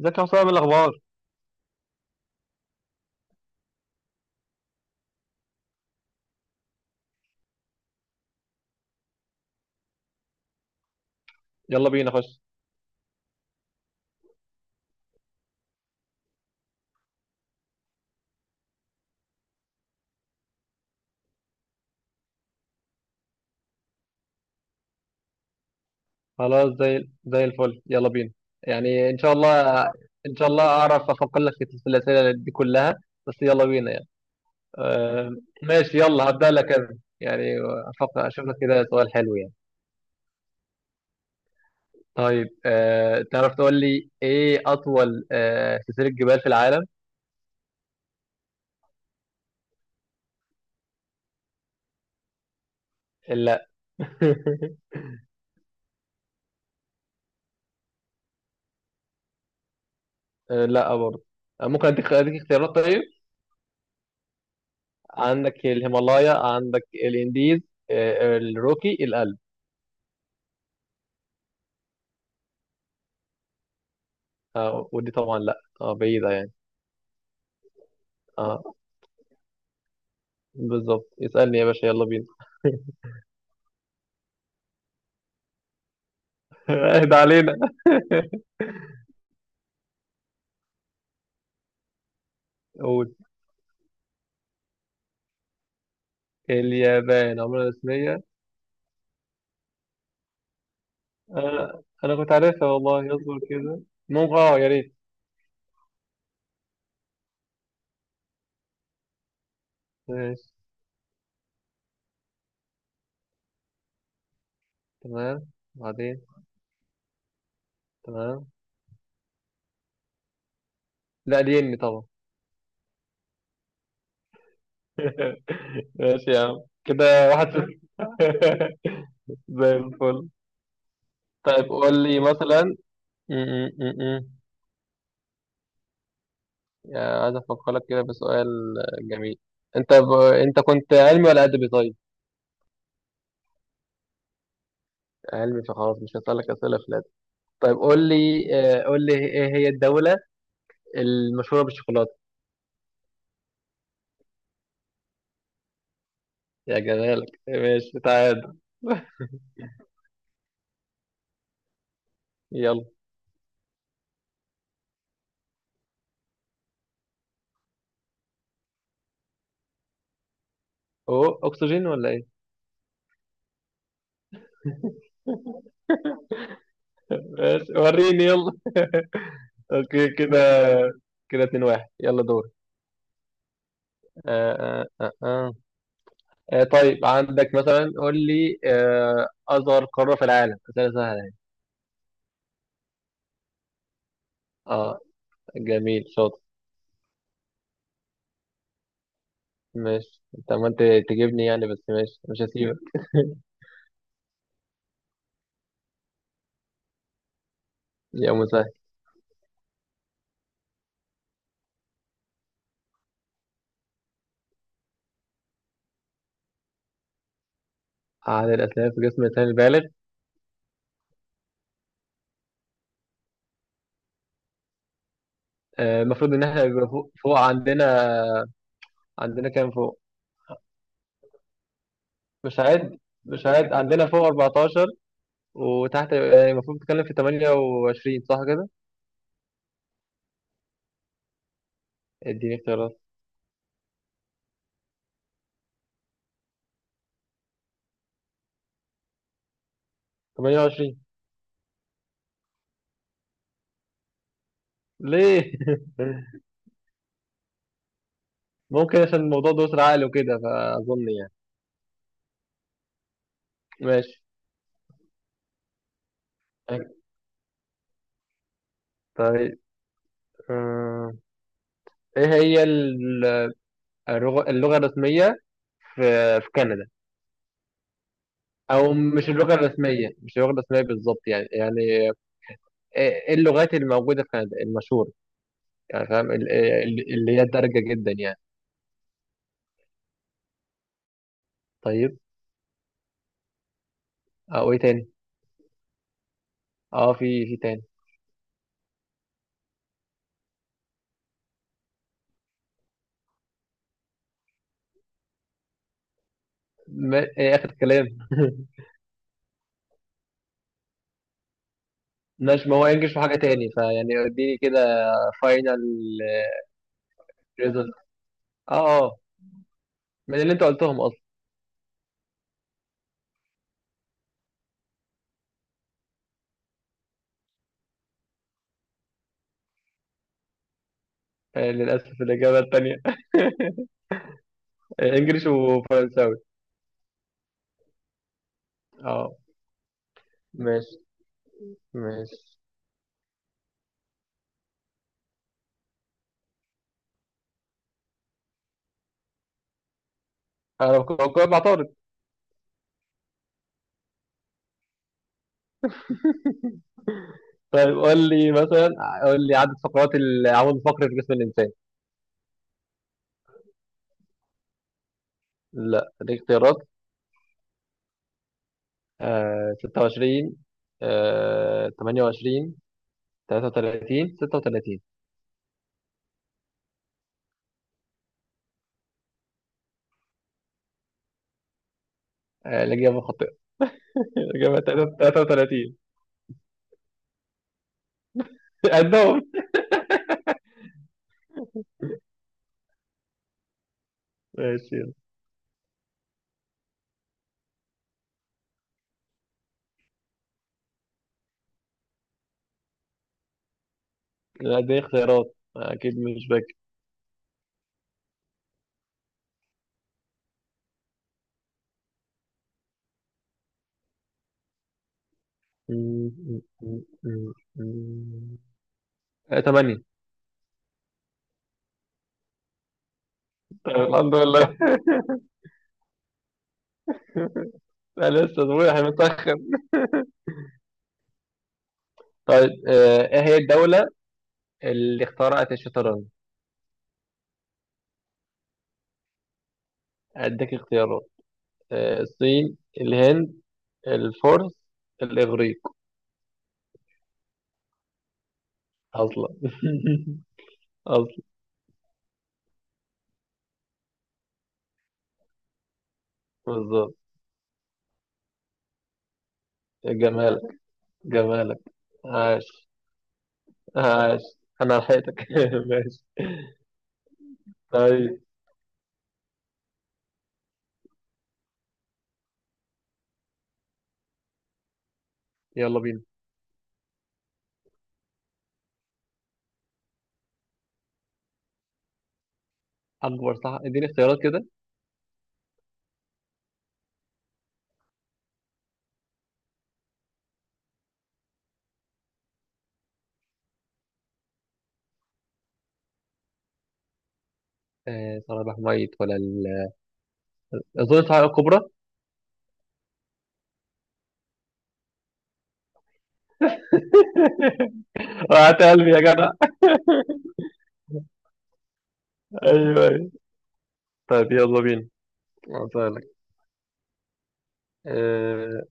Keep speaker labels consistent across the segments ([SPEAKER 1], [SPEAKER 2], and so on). [SPEAKER 1] ازيك يا حسام؟ إيه الاخبار؟ يلا بينا خش. خلاص، زي الفل، يلا بينا يعني، ان شاء الله. ان شاء الله اعرف افكر لك في الاسئله دي كلها، بس يلا بينا يعني. آه. ماشي، يلا هبدا لك انا يعني. افكر اشوف لك كده سؤال حلو يعني. طيب، تعرف تقول لي ايه اطول سلسله جبال في العالم؟ لا. آه، لا برضه. ممكن اديك اختيارات؟ طيب، عندك الهيمالايا، عندك الانديز، آه الروكي، الألب. آه، ودي طبعا لا، آه بعيدة يعني. آه. بالظبط، اسألني يا باشا، يلا بينا. اهدى علينا. قول. اليابان عملة رسمية؟ آه، أنا كنت عارفها والله، اصبر كده. ممكن، اه يا ريت. ماشي. تمام. بعدين. تمام. لا الين طبعا. ماشي يا عم كده. واحد صفر. زي الفل. طيب قول لي مثلا. م- م- م- م. يعني عايز افكر لك كده بسؤال جميل. انت كنت علمي ولا ادبي؟ طيب علمي، فخلاص مش هسألك أسئلة في الأدب. طيب قول لي، قول لي إيه هي الدولة المشهورة بالشوكولاتة؟ يا جمالك، ماشي، تعال. يلا. أوه، أكسجين ولا إيه؟ ماشي، وريني يلا. أوكي كده، كده اتنين واحد، يلا دور. آه آه آه آه. آه، طيب عندك مثلا، قول لي، آه، أصغر قارة في العالم؟ أسئلة سهلة يعني. آه، جميل، شاطر. ماشي، أنت عمال تجيبني يعني، بس ماشي مش هسيبك. يا مسهل. عدد الأسنان في جسم الإنسان البالغ؟ آه، المفروض إن إحنا يبقى فوق عندنا. عندنا كام فوق؟ مش عاد، مش عاد عندنا فوق 14، وتحت آه، المفروض تتكلم في 28، صح كده؟ اديني اختيارات. 28. ليه؟ ممكن عشان الموضوع ده أسرع عقل وكده، فأظن يعني. ماشي. طيب، آه، إيه هي ال- اللغة الرسمية في في كندا؟ أو مش اللغة الرسمية، مش اللغة الرسمية بالظبط يعني، يعني إيه إيه اللغات اللي موجودة في كندا المشهورة يعني، فاهم؟ اللي هي الدارجة جدا يعني. طيب. اه، وايه تاني؟ اه، في تاني؟ ما ايه اخر كلام. مش ما هو ينجش في حاجة تاني، فيعني اديني كده فاينل ريزلت. اه اه. من اللي انت قلتهم اصلا. آه، للاسف الاجابة التانية. انجلش وفرنساوي. اه. ماشي ماشي. انا كنت بقول مع طارق. طيب قول لي مثلا، قول لي عدد فقرات العمود الفقري في جسم الانسان. لا دي اختيارات. آه 26، آه 28، 33، 36. آه، الإجابة خاطئة. الإجابة 33. قدهم. ماشي يلا. لا، دي اختيارات أكيد مش فاكر. م- م- م- م- م- آه، تمانية. طيب الحمد لله. أنا لسه صبحي متأخر. طيب، آه، إيه هي الدولة اللي اخترعت الشطرنج؟ أديك اختيارات، آه، الصين، الهند، الفرس، الإغريق. أصلا. أصلا. بالظبط. جمالك، جمالك، عاش، عاش. انا لحقتك. ماشي. طيب يلا بينا. اكبر صح، اديني اختيارات كده. آه، صوابع ميت ولا ال... اظن الصحراء الكبرى. وقعت قلبي يا جدع. ايوه ايوه. طيب يلا بينا. هسألك، آه،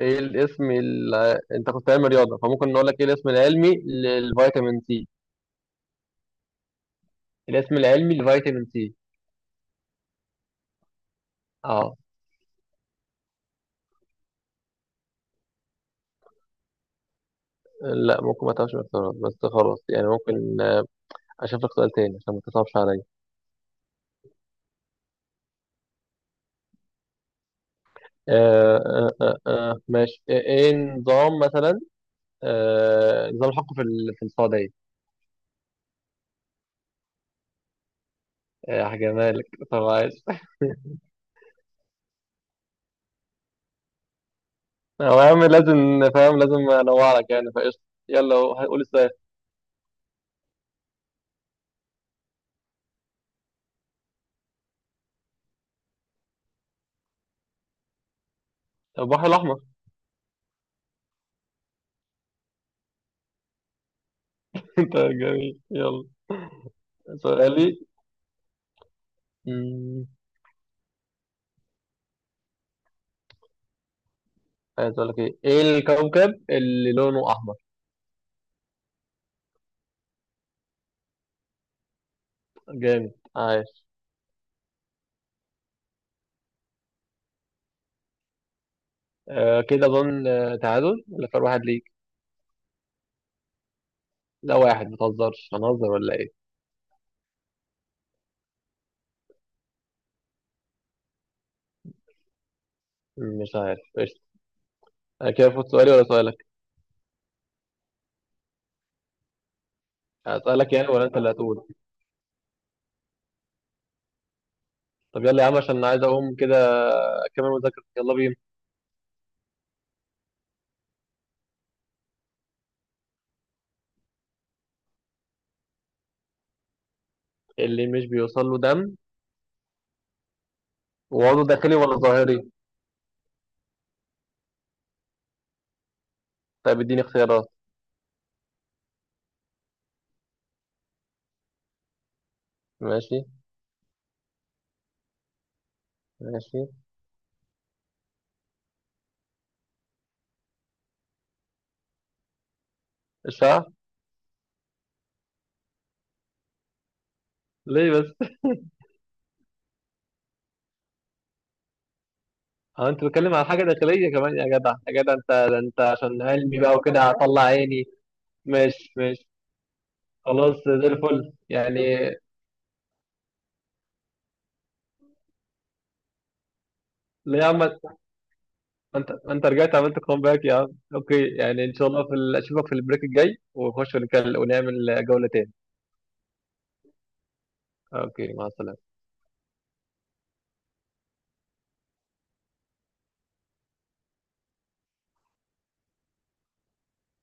[SPEAKER 1] ايه الاسم انت كنت علم رياضه، فممكن نقول لك ايه الاسم العلمي للفيتامين سي؟ الاسم العلمي للفيتامين سي. اه. لا ممكن ما تعرفش الاختيارات، بس خلاص يعني، ممكن، آه، اشوف لك سؤال تاني عشان ما تصعبش عليا. ماشي. آه، ايه نظام مثلا، آه نظام الحكم في ال- في السعودية؟ آه، هجيبها لك. طب عايز. هو يا عم لازم، فاهم؟ لازم انوع لك يعني، فقشطة. يلا هنقول السؤال. البحر الأحمر. انت جميل، يلا. سؤالي، مم، عايز اقول لك ايه، ايه الكوكب اللي لونه احمر؟ جامد، عايش. آه كده اظن، آه، تعادل ولا فرق واحد ليك؟ لا واحد، ما تهزرش، هنهزر ولا ايه؟ مش عارف، قشطة. انا كده فوت سؤالي ولا سؤالك؟ هسألك يعني ولا انت اللي هتقول؟ طب يلا يا عم، عشان انا عايز اقوم كده اكمل مذاكرة، يلا بينا. اللي مش بيوصل له دم؟ وعضو داخلي ولا ظاهري؟ طيب اديني اختيارات. ماشي. ماشي. الشعر. ليه بس؟ اه انت بتتكلم على حاجة داخلية كمان يا جدع، يا جدع انت، ده انت عشان علمي بقى وكده هطلع عيني. ماشي ماشي. خلاص زي الفل يعني. ليه يا عم؟ ما انت، ما انت رجعت عملت كومباك يا عم. اوكي يعني، ان شاء الله اشوفك في البريك الجاي، ونخش ونعمل جولة تاني. اوكي، مع السلامة.